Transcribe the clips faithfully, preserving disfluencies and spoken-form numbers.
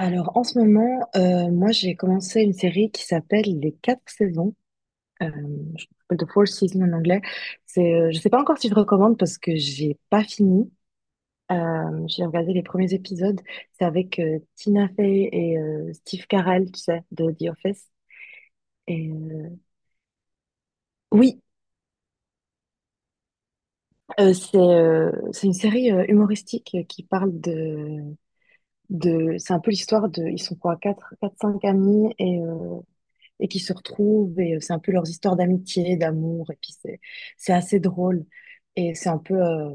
Alors, en ce moment, euh, moi, j'ai commencé une série qui s'appelle Les Quatre Saisons. Euh, je m'appelle The Four Seasons en anglais. C'est, euh, je sais pas encore si je recommande parce que j'ai pas fini. Euh, j'ai regardé les premiers épisodes. C'est avec euh, Tina Fey et euh, Steve Carell, tu sais, de The Office. Et euh, oui, euh, c'est euh, c'est une série euh, humoristique euh, qui parle de de. C'est un peu l'histoire de. Ils sont quoi, quatre, quatre, cinq amis et euh, et qui se retrouvent et euh, c'est un peu leurs histoires d'amitié, d'amour et puis c'est c'est assez drôle et c'est un peu euh,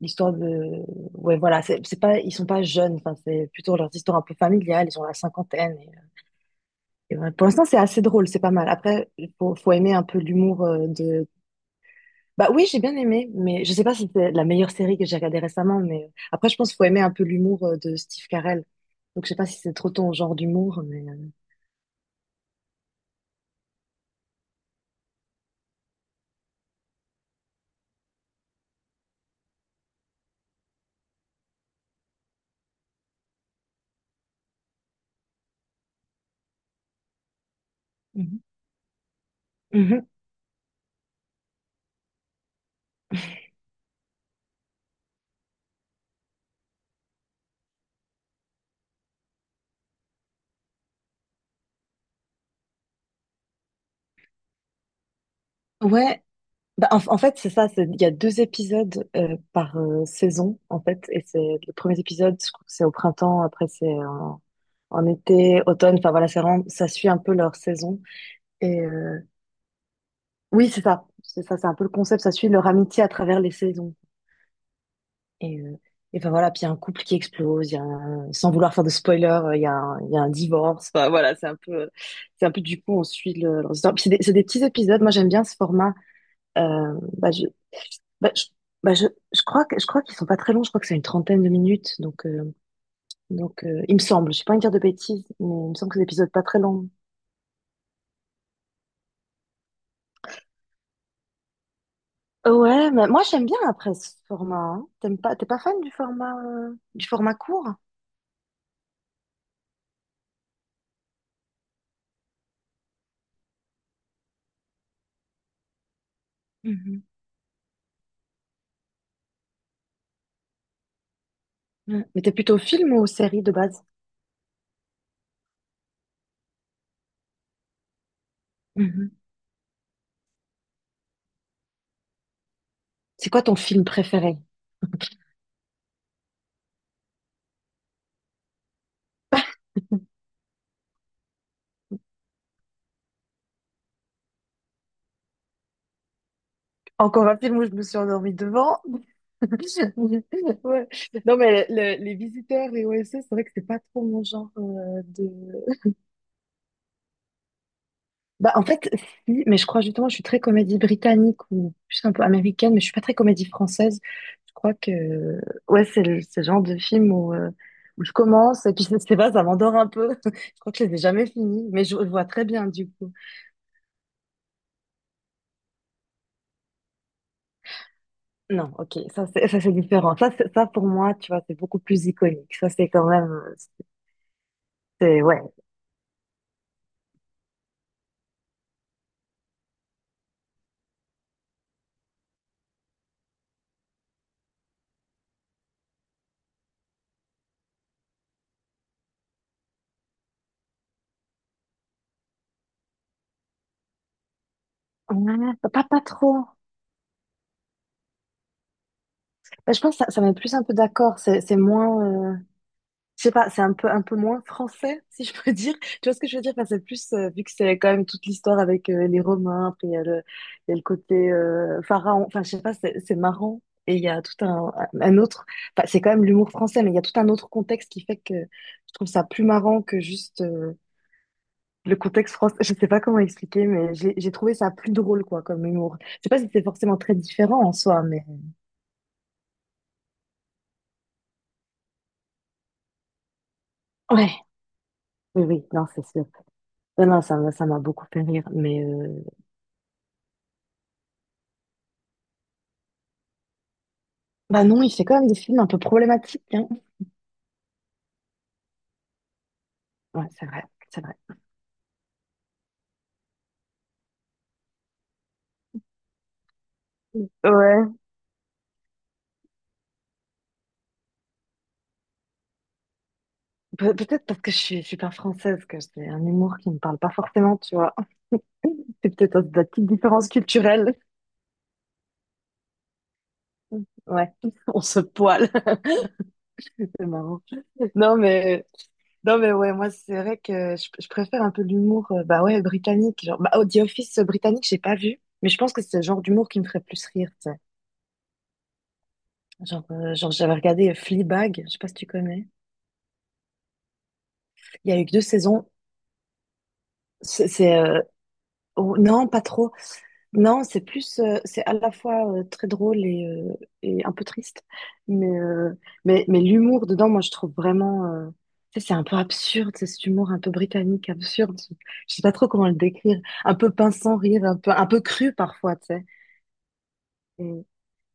l'histoire de ouais, voilà, c'est c'est pas ils sont pas jeunes, enfin c'est plutôt leurs histoires un peu familiales. Ils ont la cinquantaine et, euh, et voilà. Pour l'instant, c'est assez drôle, c'est pas mal. Après faut faut aimer un peu l'humour euh, de bah oui, j'ai bien aimé, mais je sais pas si c'est la meilleure série que j'ai regardée récemment, mais euh, après je pense qu'il faut aimer un peu l'humour euh, de Steve Carell. Donc je sais pas si c'est trop ton genre d'humour, mais euh, mhm. Mhm. Ouais. Bah, en, en fait, c'est ça, c'est- il y a deux épisodes euh, par euh, saison, en fait. Et c'est le premier épisode, je crois que c'est au printemps, après c'est en, en été, automne, enfin voilà, c'est vraiment- ça suit un peu leur saison. Et euh, oui, c'est ça, c'est ça, c'est un peu le concept, ça suit leur amitié à travers les saisons. Et, euh, et enfin voilà, puis il y a un couple qui explose, il y a un- sans vouloir faire de spoiler, euh, il y a un, il y a un divorce, enfin voilà, c'est un peu, c'est un peu du coup, on suit le, leur histoire. Puis c'est des, c'est des petits épisodes, moi j'aime bien ce format. Euh, bah, Bah, je, bah, je, je crois que, je crois qu'ils sont pas très longs, je crois que c'est une trentaine de minutes, donc, euh, donc euh, il me semble, je sais pas envie de dire de bêtises, mais il me semble que c'est des épisodes pas très longs. Ouais, mais moi j'aime bien après ce format, hein. T'aimes pas, t'es pas fan du format, euh, du format court? Mhm. Ouais. Mais t'es plutôt film ou série de base? Mhm. C'est quoi ton film préféré? Encore un film où je me suis endormie devant. Ouais. Non, mais le- les Visiteurs, les O S S, c'est vrai que c'est pas trop mon genre euh, de, bah, en fait, si, mais je crois justement, je suis très comédie britannique ou plus un peu américaine, mais je suis pas très comédie française. Je crois que, ouais, c'est le, ce genre de film où, euh, où je commence et puis je sais pas, ça m'endort un peu. Je crois que je les ai jamais finis, mais je, je vois très bien du coup. Non, ok, ça c'est, ça c'est différent. Ça, c'est, ça pour moi, tu vois, c'est beaucoup plus iconique. Ça c'est quand même, euh, c'est, ouais. Ouais, pas, pas trop. Bah, je pense que ça, ça met plus un peu d'accord. C'est, c'est moins. Euh, je sais pas, c'est un peu, un peu moins français, si je peux dire. Tu vois ce que je veux dire? Enfin, c'est plus, euh, vu que c'est quand même toute l'histoire avec euh, les Romains, après il y a le, il y a le côté euh, pharaon, enfin, je sais pas, c'est c'est marrant. Et il y a tout un, un autre, enfin, c'est quand même l'humour français, mais il y a tout un autre contexte qui fait que je trouve ça plus marrant que juste euh, le contexte français. Je sais pas comment expliquer, mais j'ai j'ai trouvé ça plus drôle, quoi, comme humour. Je sais pas si c'est forcément très différent en soi, mais ouais. Oui, oui, non, c'est sûr. Non, non, ça m'a ça m'a beaucoup fait rire, mais. euh, Bah non, il fait quand même des films un peu problématiques, hein. Ouais, c'est vrai, c'est vrai. Ouais, Pe- peut-être parce que je suis super française, que j'ai un humour qui me parle pas forcément, tu vois. C'est peut-être de la petite différence culturelle. Ouais, on se poile. C'est marrant. Non, mais, non, mais ouais, moi, c'est vrai que je, je préfère un peu l'humour, euh, bah ouais, britannique. Genre, bah, oh, The Office euh, britannique, j'ai pas vu, mais je pense que c'est le genre d'humour qui me ferait plus rire, tu sais. Genre, euh, genre j'avais regardé Fleabag, je sais pas si tu connais. Il y a eu que deux saisons. C'est, c'est, euh, oh, non, pas trop. Non, c'est plus, euh, c'est à la fois euh, très drôle et, euh, et un peu triste, mais, euh, mais, mais l'humour dedans, moi, je trouve vraiment, euh, tu sais, c'est un peu absurde, c'est cet humour un peu britannique, absurde, je je sais pas trop comment le décrire, un peu pince sans rire, un peu, un peu cru parfois, tu sais.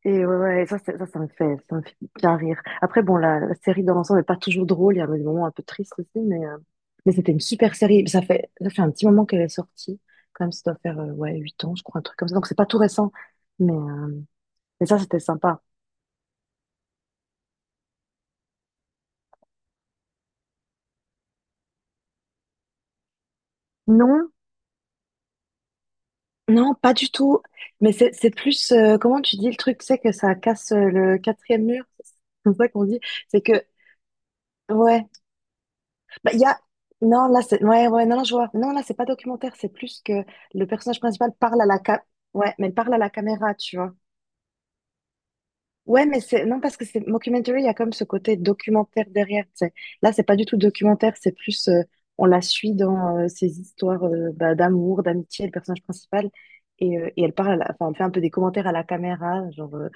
Et ouais, ouais, ça, c'est- ça, ça me fait, ça me fait bien rire. Après, bon, la, la série dans l'ensemble n'est pas toujours drôle. Il y a des moments un peu tristes aussi, mais, euh, mais c'était une super série. Ça fait, ça fait un petit moment qu'elle est sortie. Quand même, ça doit faire, euh, ouais, huit ans, je crois, un truc comme ça. Donc, c'est pas tout récent. Mais, euh, mais ça, c'était sympa. Non, non, pas du tout. Mais c'est, c'est plus, euh, comment tu dis le truc, c'est que ça casse euh, le quatrième mur. C'est comme ça qu'on dit. C'est que, ouais. Bah, il y a... Non, là, c'est... Ouais, ouais, non, non, je vois. Non, là, c'est pas documentaire, c'est plus que le personnage principal parle à la ca... Ouais, mais parle à la caméra, tu vois. Ouais, mais c'est... Non, parce que c'est mockumentary, il y a comme ce côté documentaire derrière, tu sais. Là, c'est pas du tout documentaire, c'est plus... euh, on la suit dans euh, ses histoires euh, bah, d'amour, d'amitié, le personnage principal. Et, euh, et elle parle, à la- enfin, elle fait un peu des commentaires à la caméra, genre... euh,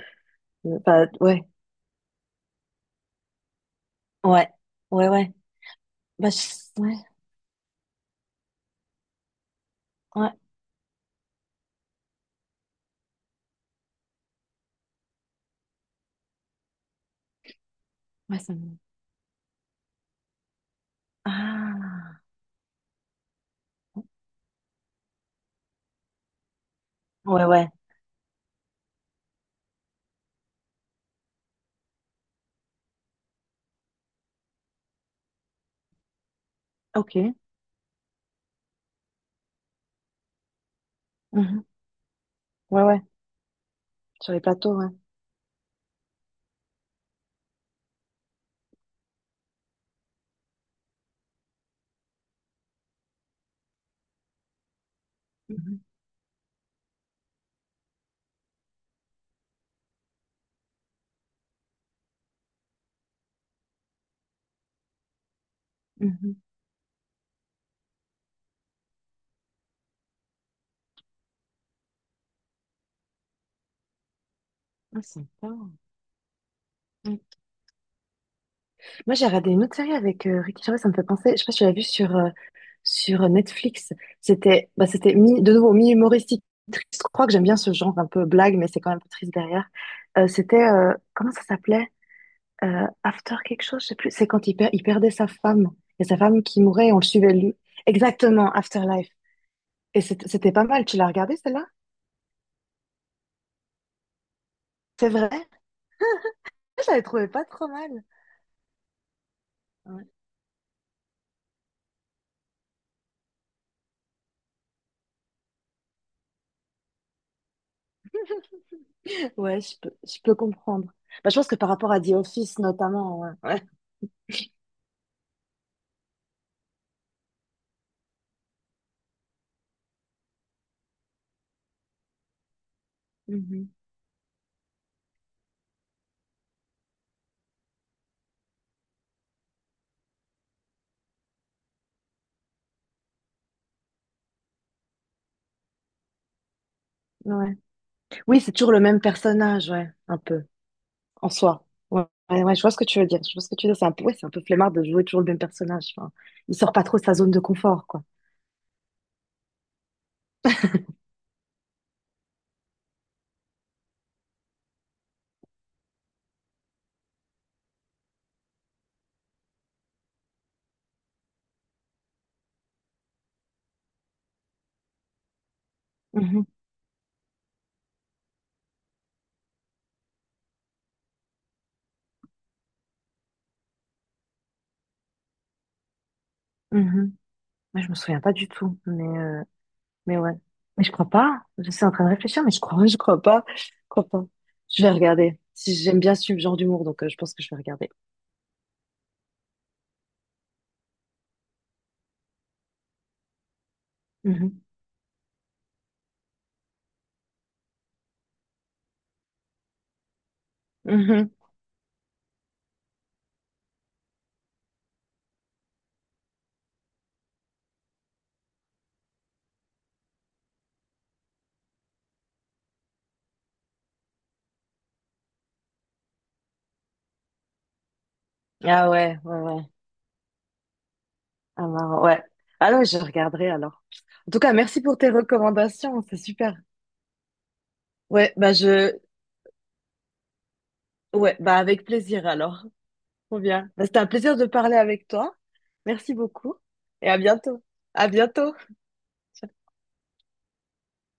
euh, bah, ouais, ouais, ouais, ouais. Bah, je- ouais, ouais, ouais, ça me... Ah, ouais, ouais, ok. Mhm. Ouais, ouais, sur les plateaux, ouais. Mhm, mhm. Ah, sympa. Mm. Moi, j'ai regardé une autre série avec euh, Ricky Gervais, ça me fait penser. Je sais pas si tu l'as vue sur, euh, sur Netflix. C'était, bah, c'était mi, de nouveau, mi-humoristique, triste. Je crois que j'aime bien ce genre un peu blague, mais c'est quand même un peu triste derrière. Euh, c'était, euh, comment ça s'appelait? Euh, After quelque chose, je sais plus. C'est quand il, per- il perdait sa femme. Et sa femme qui mourait et on le suivait, lui. Exactement, Afterlife. Et c'était c'était pas mal. Tu l'as regardé, celle-là? C'est vrai? Je l'avais trouvé pas trop mal. Ouais. Ouais, je peux, je peux comprendre. Bah, je pense que par rapport à The Office, notamment, ouais. Ouais. Mhm. Ouais. Oui, c'est toujours le même personnage, ouais, un peu, en soi. Ouais, ouais, ouais, je vois ce que tu veux dire. Je vois ce que tu veux dire. C'est un peu, ouais, c'est un peu flemmard de jouer toujours le même personnage. Enfin, il sort pas trop de sa zone de confort, quoi. Mhm. Mhm. Ouais, je me souviens pas du tout, mais, euh, mais ouais. Mais je crois pas. Je suis en train de réfléchir, mais je crois, je crois pas. Je crois pas. Je vais regarder. Si j'aime bien ce genre d'humour, donc euh, je pense que je vais regarder. Mhm. Mhm. Ah ouais, ouais, ouais. Ah, marrant, ouais. Ah ouais, je regarderai alors. En tout cas, merci pour tes recommandations, c'est super. Ouais, bah je ouais, bah avec plaisir alors. Trop bien. Bah, c'était un plaisir de parler avec toi. Merci beaucoup et à bientôt. À bientôt.